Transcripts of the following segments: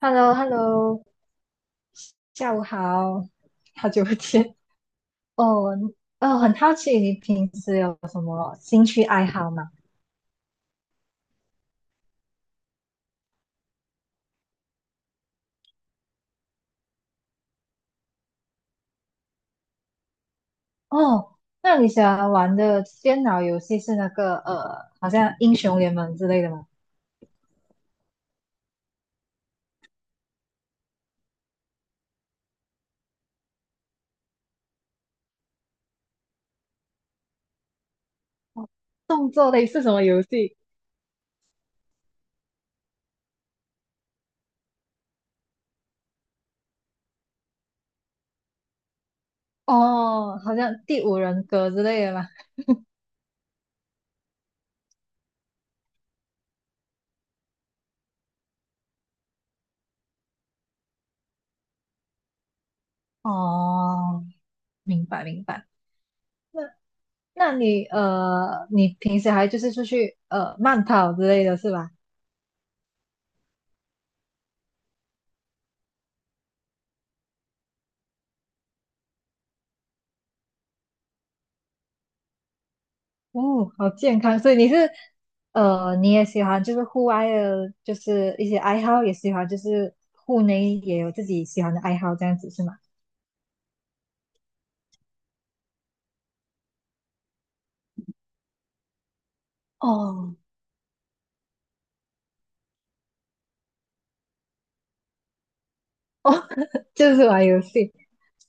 h e l l o h e l l o 下午好，好久不见。哦，哦，很好奇你平时有什么兴趣爱好吗？哦，那你喜欢玩的电脑游戏是那个好像英雄联盟之类的吗？动作类是什么游戏？哦，好像第五人格之类的吗？哦，明白明白。那那你平时还就是出去慢跑之类的是吧？哦，好健康，所以你是，你也喜欢就是户外的，就是一些爱好，也喜欢就是户内也有自己喜欢的爱好，这样子是吗？哦哦，就是玩游戏。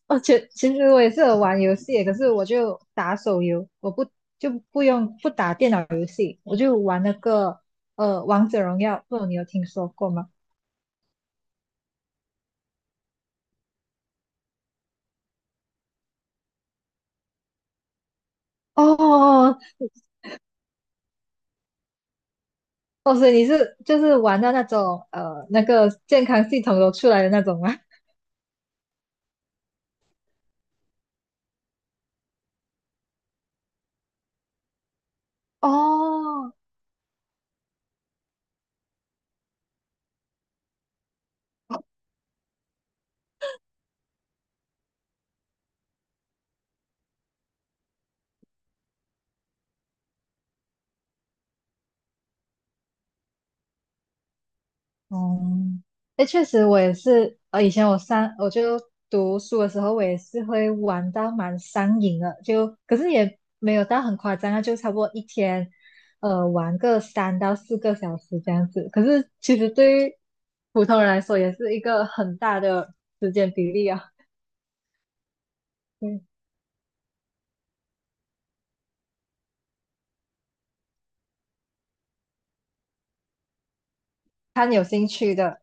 哦，其实我也是有玩游戏的可是我就打手游，我不就不用不打电脑游戏，我就玩那个《王者荣耀》，不知道你有听说过吗？哦哦，所以你是就是玩到那种那个健康系统都出来的那种吗？哦哦，哎，确实我也是，以前我就读书的时候，我也是会玩到蛮上瘾的，就可是也没有到很夸张啊，就差不多一天，玩个3到4个小时这样子。可是其实对于普通人来说，也是一个很大的时间比例啊。嗯，看有兴趣的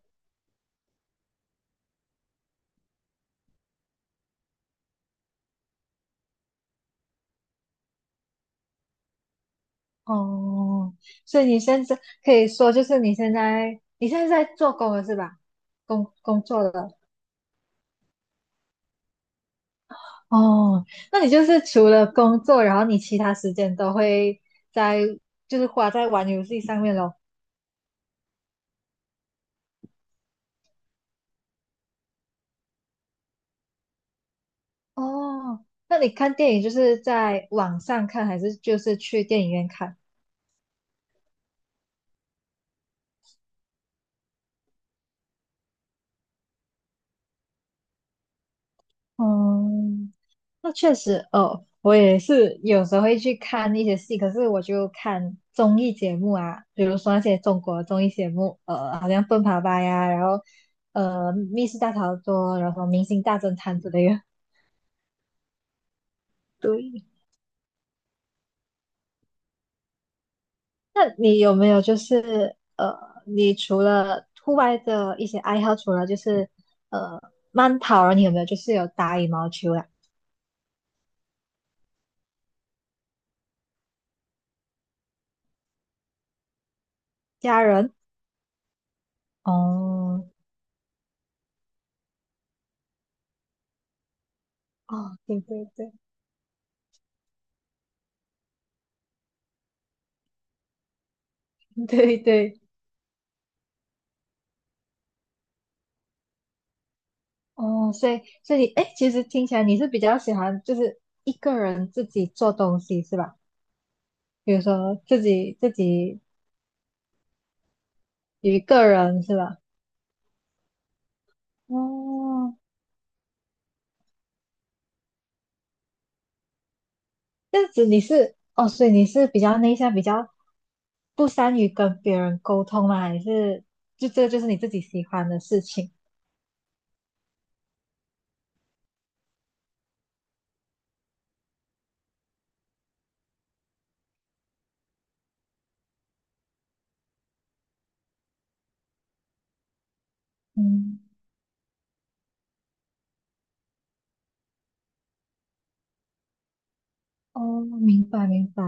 哦，所以你现在可以说，就是你现在在做工了是吧？工作了。哦，那你就是除了工作，然后你其他时间都会在，就是花在玩游戏上面咯。哦，那你看电影就是在网上看，还是就是去电影院看？哦，那确实哦，我也是有时候会去看一些戏，可是我就看综艺节目啊，比如说那些中国综艺节目，好像《奔跑吧》呀，然后《密室大逃脱》，然后《明星大侦探》之类的。对，那你有没有就是你除了户外的一些爱好，除了就是呃慢跑啊，你有没有就是有打羽毛球啊？家人？哦哦，对对对 对对，哦，所以所以你哎，诶其实听起来你是比较喜欢就是一个人自己做东西是吧？比如说自己一个人是吧？哦，这样子你是哦，所以你是比较内向，比较不善于跟别人沟通吗？还是就这个就是你自己喜欢的事情？嗯哦，明白明白，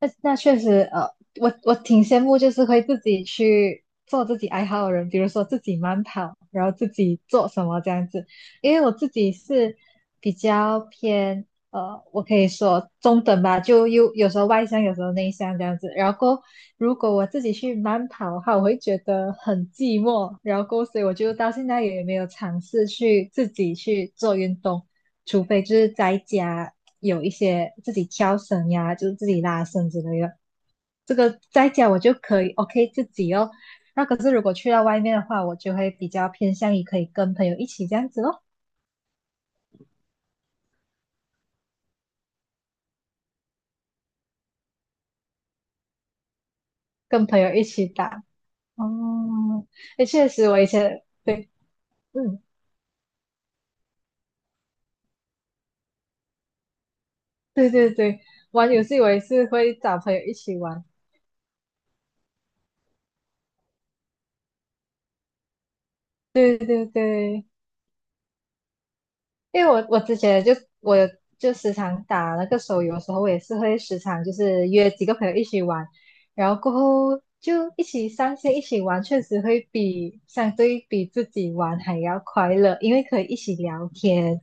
那确实，我挺羡慕，就是会自己去做自己爱好的人，比如说自己慢跑，然后自己做什么这样子。因为我自己是比较偏，我可以说中等吧，就又有时候外向，有时候内向这样子。然后过后如果我自己去慢跑的话，我会觉得很寂寞，然后过后所以我就到现在也没有尝试去自己去做运动。除非就是在家有一些自己挑绳呀，就是自己拉绳之类的。这个在家我就可以 OK 自己哦。那可是如果去到外面的话，我就会比较偏向于可以跟朋友一起这样子咯，跟朋友一起打。哦，也确实，我以前对，嗯，对对对，玩游戏我也是会找朋友一起玩。对对对。因为我之前就我有就时常打那个手游的时候，我也是会时常就是约几个朋友一起玩，然后过后就一起上线一起玩，确实会比相对比自己玩还要快乐，因为可以一起聊天。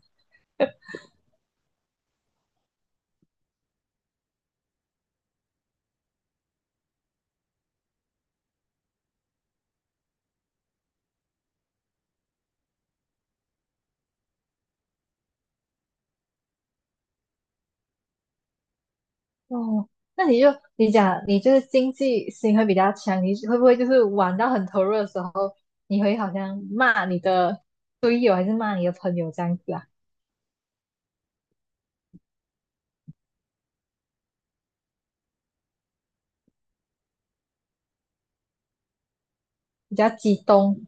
哦，那你讲你就是经济心会比较强，你会不会就是玩到很投入的时候，你会好像骂你的队友还是骂你的朋友这样子啊？比较激动。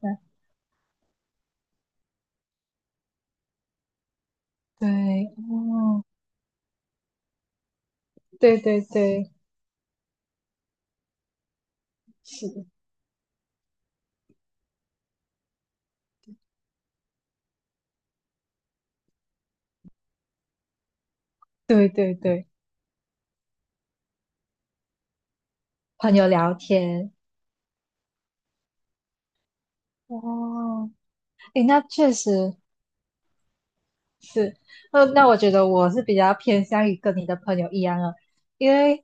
对，哦，对对对。是的对对对，朋友聊天，哦，诶，那确实，是，那我觉得我是比较偏向于跟你的朋友一样的，因为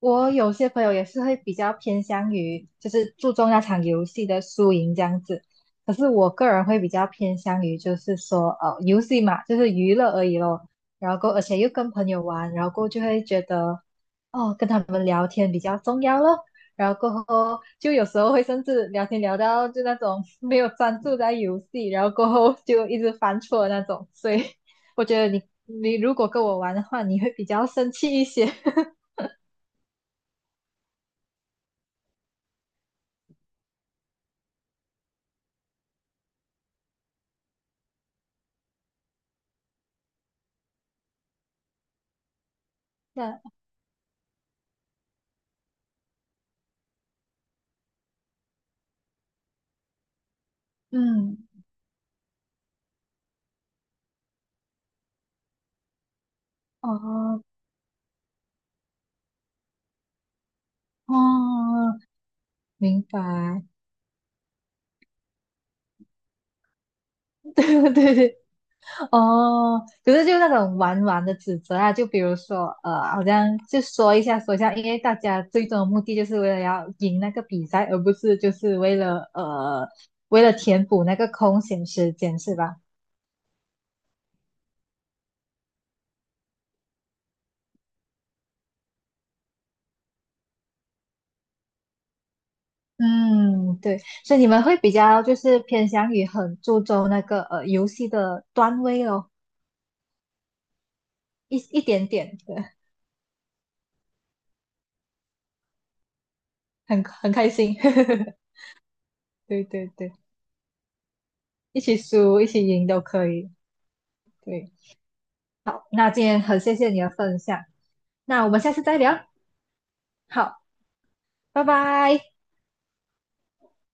我有些朋友也是会比较偏向于就是注重那场游戏的输赢这样子，可是我个人会比较偏向于就是说游戏嘛，就是娱乐而已咯，然后过而且又跟朋友玩，然后过后就会觉得哦跟他们聊天比较重要咯。然后过后就有时候会甚至聊天聊到就那种没有专注在游戏，然后过后就一直犯错的那种，所以我觉得你如果跟我玩的话，你会比较生气一些。那嗯，哦哦，明白，对对对，哦，可是就那种玩玩的指责啊，就比如说好像就说一下说一下，因为大家最终的目的就是为了要赢那个比赛，而不是就是为了填补那个空闲时间，是吧？嗯，对，所以你们会比较就是偏向于很注重那个游戏的段位哦。一点点，对，很开心。对对对，一起输一起赢都可以。对，好，那今天很谢谢你的分享，那我们下次再聊。好，拜拜。